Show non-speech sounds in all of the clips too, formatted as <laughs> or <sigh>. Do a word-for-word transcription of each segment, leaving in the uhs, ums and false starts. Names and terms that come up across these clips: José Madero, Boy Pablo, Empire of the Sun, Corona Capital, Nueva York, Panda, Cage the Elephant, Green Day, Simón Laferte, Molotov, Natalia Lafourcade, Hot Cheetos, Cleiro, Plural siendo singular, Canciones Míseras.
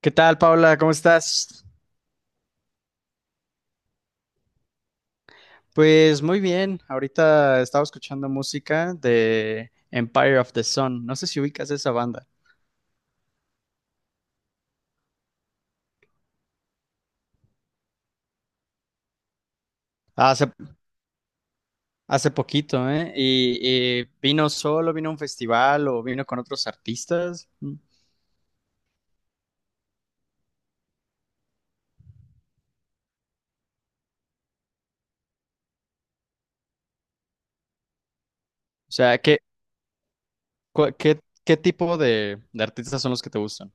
¿Qué tal, Paula? ¿Cómo estás? Pues muy bien. Ahorita estaba escuchando música de Empire of the Sun. No sé si ubicas esa banda. Hace, hace poquito, ¿eh? Y, y vino solo, vino a un festival o vino con otros artistas. Mm. O sea, ¿qué, cua- qué, qué tipo de, de artistas son los que te gustan?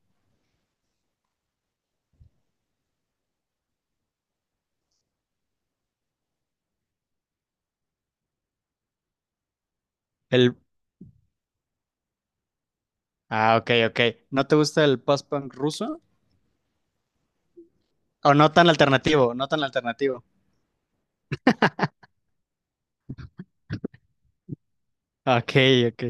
El... Ah, ok, ok. ¿No te gusta el post-punk ruso? ¿O no tan alternativo? No tan alternativo. Ok, ok.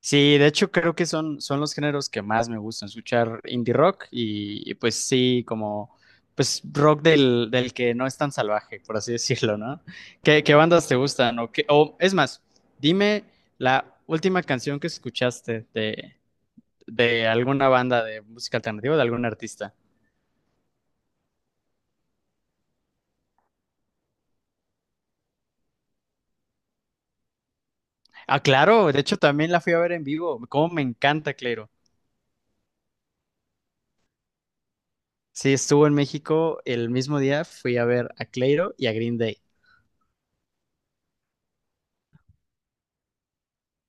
Sí, de hecho creo que son, son los géneros que más me gustan, escuchar indie rock y, y, pues sí, como pues rock del, del que no es tan salvaje, por así <laughs> decirlo, ¿no? ¿Qué, qué bandas te gustan? O, qué- o es más, dime la última canción que escuchaste de, de alguna banda de música alternativa, de algún artista. Ah, claro, de hecho también la fui a ver en vivo, como me encanta Cleiro. Sí, estuvo en México el mismo día, fui a ver a Cleiro y a Green Day.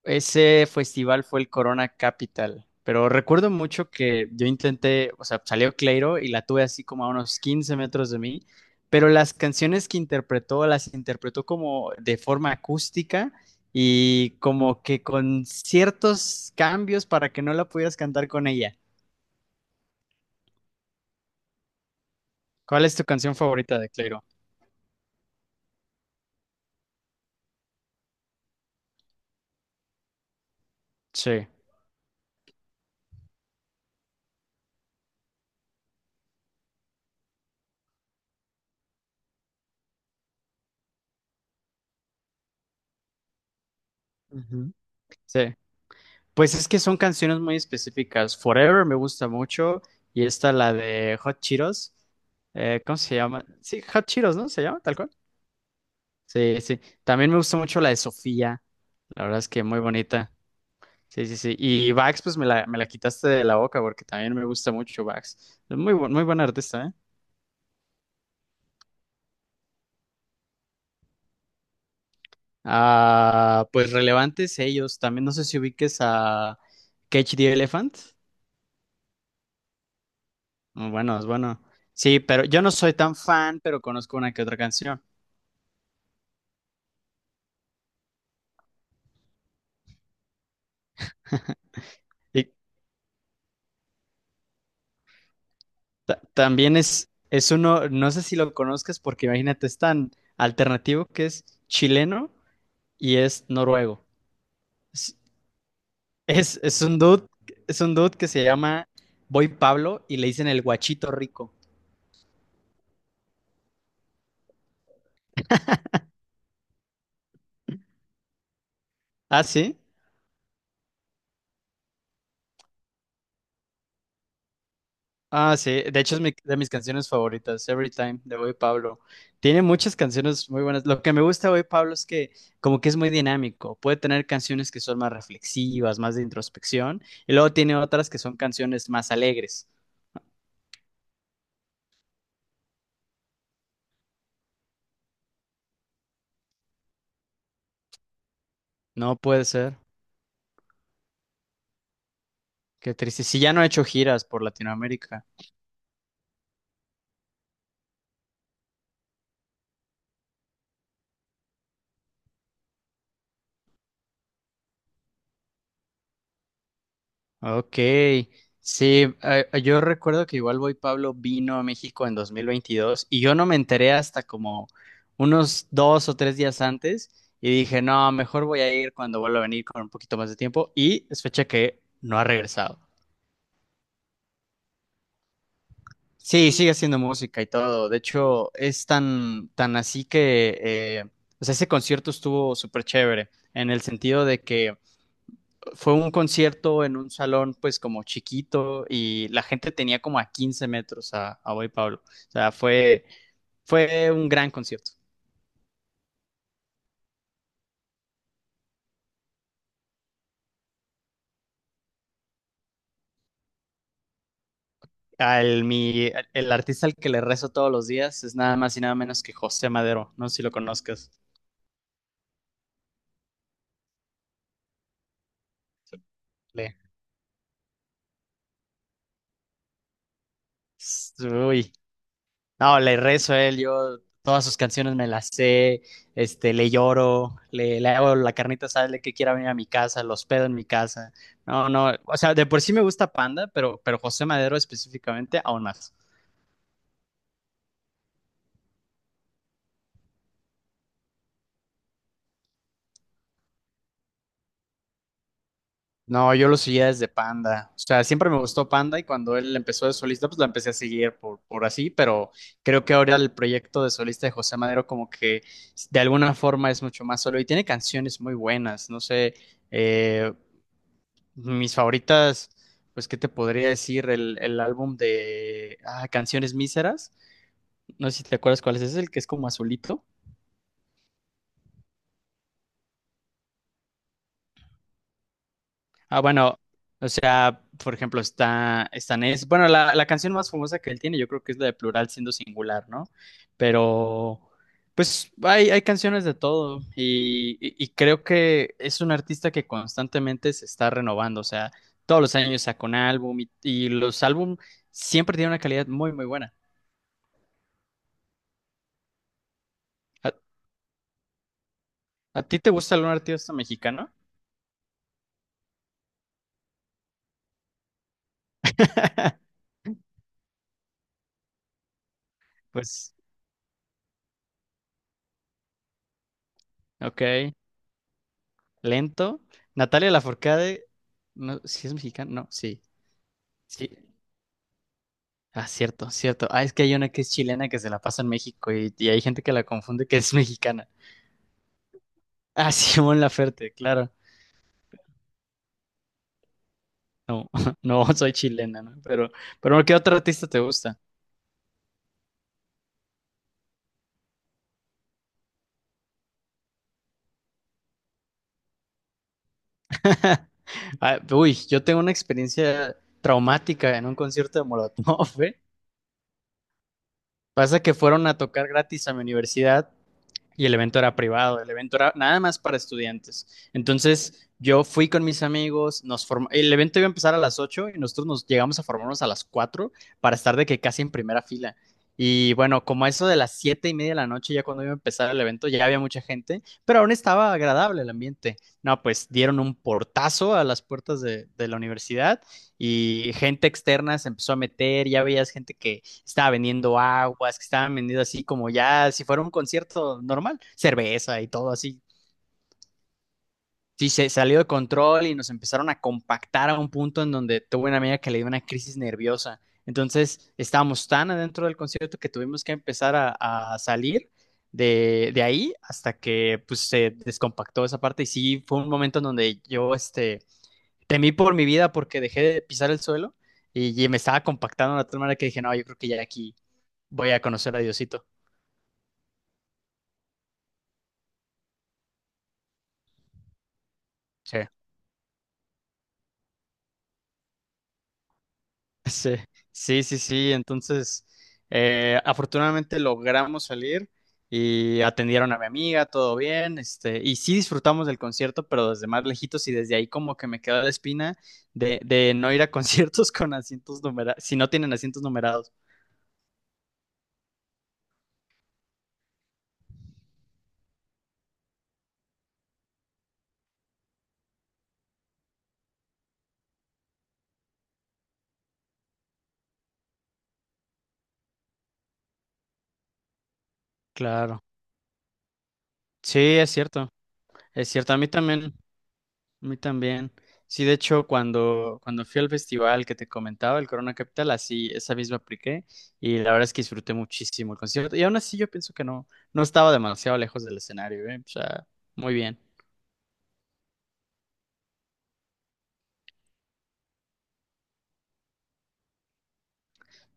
Ese festival fue el Corona Capital, pero recuerdo mucho que yo intenté, o sea, salió Cleiro y la tuve así como a unos quince metros de mí, pero las canciones que interpretó las interpretó como de forma acústica y como que con ciertos cambios para que no la pudieras cantar con ella. ¿Cuál es tu canción favorita de Cleiro? Sí. Ujú. Sí. Pues es que son canciones muy específicas. Forever me gusta mucho y esta la de Hot Cheetos. Eh, ¿cómo se llama? Sí, Hot Cheetos, ¿no? ¿Se llama tal cual? Sí, sí. También me gusta mucho la de Sofía. La verdad es que muy bonita. Sí, sí, sí. Y Vax, pues me la, me la quitaste de la boca porque también me gusta mucho Vax. Es muy, bu- muy buen artista, ¿eh? Ah, pues relevantes ellos. También no sé si ubiques a Cage the Elephant. Muy bueno, es bueno. Sí, pero yo no soy tan fan, pero conozco una que otra canción. Y ta- también es, es uno, no sé si lo conozcas porque imagínate, es tan alternativo que es chileno y es noruego. Es, es, es un dude, es un dude que se llama Boy Pablo y le dicen el guachito rico. Ah, sí. Ah, sí. De hecho, es mi- de mis canciones favoritas, Every Time, de Boy Pablo. Tiene muchas canciones muy buenas. Lo que me gusta de Boy Pablo es que como que es muy dinámico. Puede tener canciones que son más reflexivas, más de introspección, y luego tiene otras que son canciones más alegres. No puede ser. Qué triste. Si ya no he hecho giras por Latinoamérica. Ok. Sí, eh, eh, yo recuerdo que igual Boy Pablo vino a México en dos mil veintidós y yo no me enteré hasta como unos dos o tres días antes y dije, no, mejor voy a ir cuando vuelva a venir con un poquito más de tiempo y es fecha que no ha regresado. Sí, sigue haciendo música y todo. De hecho, es tan, tan así que, eh, o sea, ese concierto estuvo súper chévere en el sentido de que fue un concierto en un salón pues como chiquito y la gente tenía como a quince metros a, a Boy Pablo. O sea, fue, fue un gran concierto. Al, mi, el artista al que le rezo todos los días es nada más y nada menos que José Madero. No sé si lo conozcas. Le- Uy. No, le rezo a él, yo todas sus canciones me las sé, este, le lloro, le, le hago la carnita sale que quiera venir a mi casa, los pedo en mi casa. No, no, o sea, de por sí me gusta Panda, pero, pero José Madero específicamente aún más. No, yo lo seguía desde Panda, o sea, siempre me gustó Panda y cuando él empezó de solista, pues la empecé a seguir por, por así, pero creo que ahora el proyecto de solista de José Madero como que de alguna forma es mucho más solo y tiene canciones muy buenas, no sé. Eh, Mis favoritas, pues, ¿qué te podría decir? El, el álbum de ah, Canciones Míseras. No sé si te acuerdas cuál es ese, el que es como azulito. Ah, bueno, o sea, por ejemplo, está, están es, bueno, la, la canción más famosa que él tiene, yo creo que es la de Plural siendo singular, ¿no? Pero, pues, hay, hay canciones de todo y, y y creo que es un artista que constantemente se está renovando, o sea, todos los años saca un álbum y, y los álbum siempre tienen una calidad muy, muy buena. Ah, ¿a ti te gusta algún artista mexicano? <laughs> Pues, ok, lento. Natalia Lafourcade, no, ¿sí es mexicana? No, sí, sí. Ah, cierto, cierto. Ah, es que hay una que es chilena que se la pasa en México y, y hay gente que la confunde que es mexicana. Ah, <laughs> Simón Laferte, claro. No, <laughs> no, soy chilena, ¿no? Pero, pero ¿qué otro artista te gusta? <laughs> Ah, uy, yo tengo una experiencia traumática en un concierto de Molotov, <laughs> ¿eh? Pasa que fueron a tocar gratis a mi universidad y el evento era privado, el evento era nada más para estudiantes. Entonces yo fui con mis amigos, nos form... el evento iba a empezar a las ocho y nosotros nos llegamos a formarnos a las cuatro para estar de que casi en primera fila. Y bueno, como a eso de las siete y media de la noche, ya cuando iba a empezar el evento, ya había mucha gente, pero aún estaba agradable el ambiente. No, pues dieron un portazo a las puertas de, de la universidad y gente externa se empezó a meter, ya veías gente que estaba vendiendo aguas, que estaban vendiendo así como ya si fuera un concierto normal, cerveza y todo así. Sí, se salió de control y nos empezaron a compactar a un punto en donde tuve una amiga que le dio una crisis nerviosa. Entonces estábamos tan adentro del concierto que tuvimos que empezar a, a salir de, de ahí hasta que pues se descompactó esa parte y sí fue un momento en donde yo este, temí por mi vida porque dejé de pisar el suelo y, y me estaba compactando de tal manera que dije, no, yo creo que ya aquí voy a conocer a Diosito. Sí. <laughs> Sí, sí, sí, sí. Entonces, eh, afortunadamente logramos salir y atendieron a mi amiga, todo bien, este, y sí disfrutamos del concierto, pero desde más lejitos y desde ahí como que me quedó la espina de, de no ir a <laughs> conciertos con asientos numerados, si no tienen asientos numerados. Claro. Sí, es cierto, es cierto. A mí también. A mí también. Sí, de hecho, cuando, cuando fui al festival que te comentaba, el Corona Capital, así esa misma apliqué y la verdad es que disfruté muchísimo el concierto. Y aún así yo pienso que no, no estaba demasiado lejos del escenario, ¿eh? O sea, muy bien.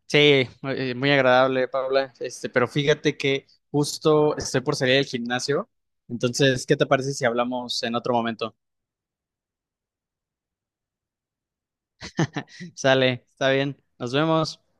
Sí, muy, eh, muy agradable, Paula. Este, pero fíjate que justo estoy por salir del gimnasio. Entonces, ¿qué te parece si hablamos en otro momento? <laughs> Sale, está bien. Nos vemos.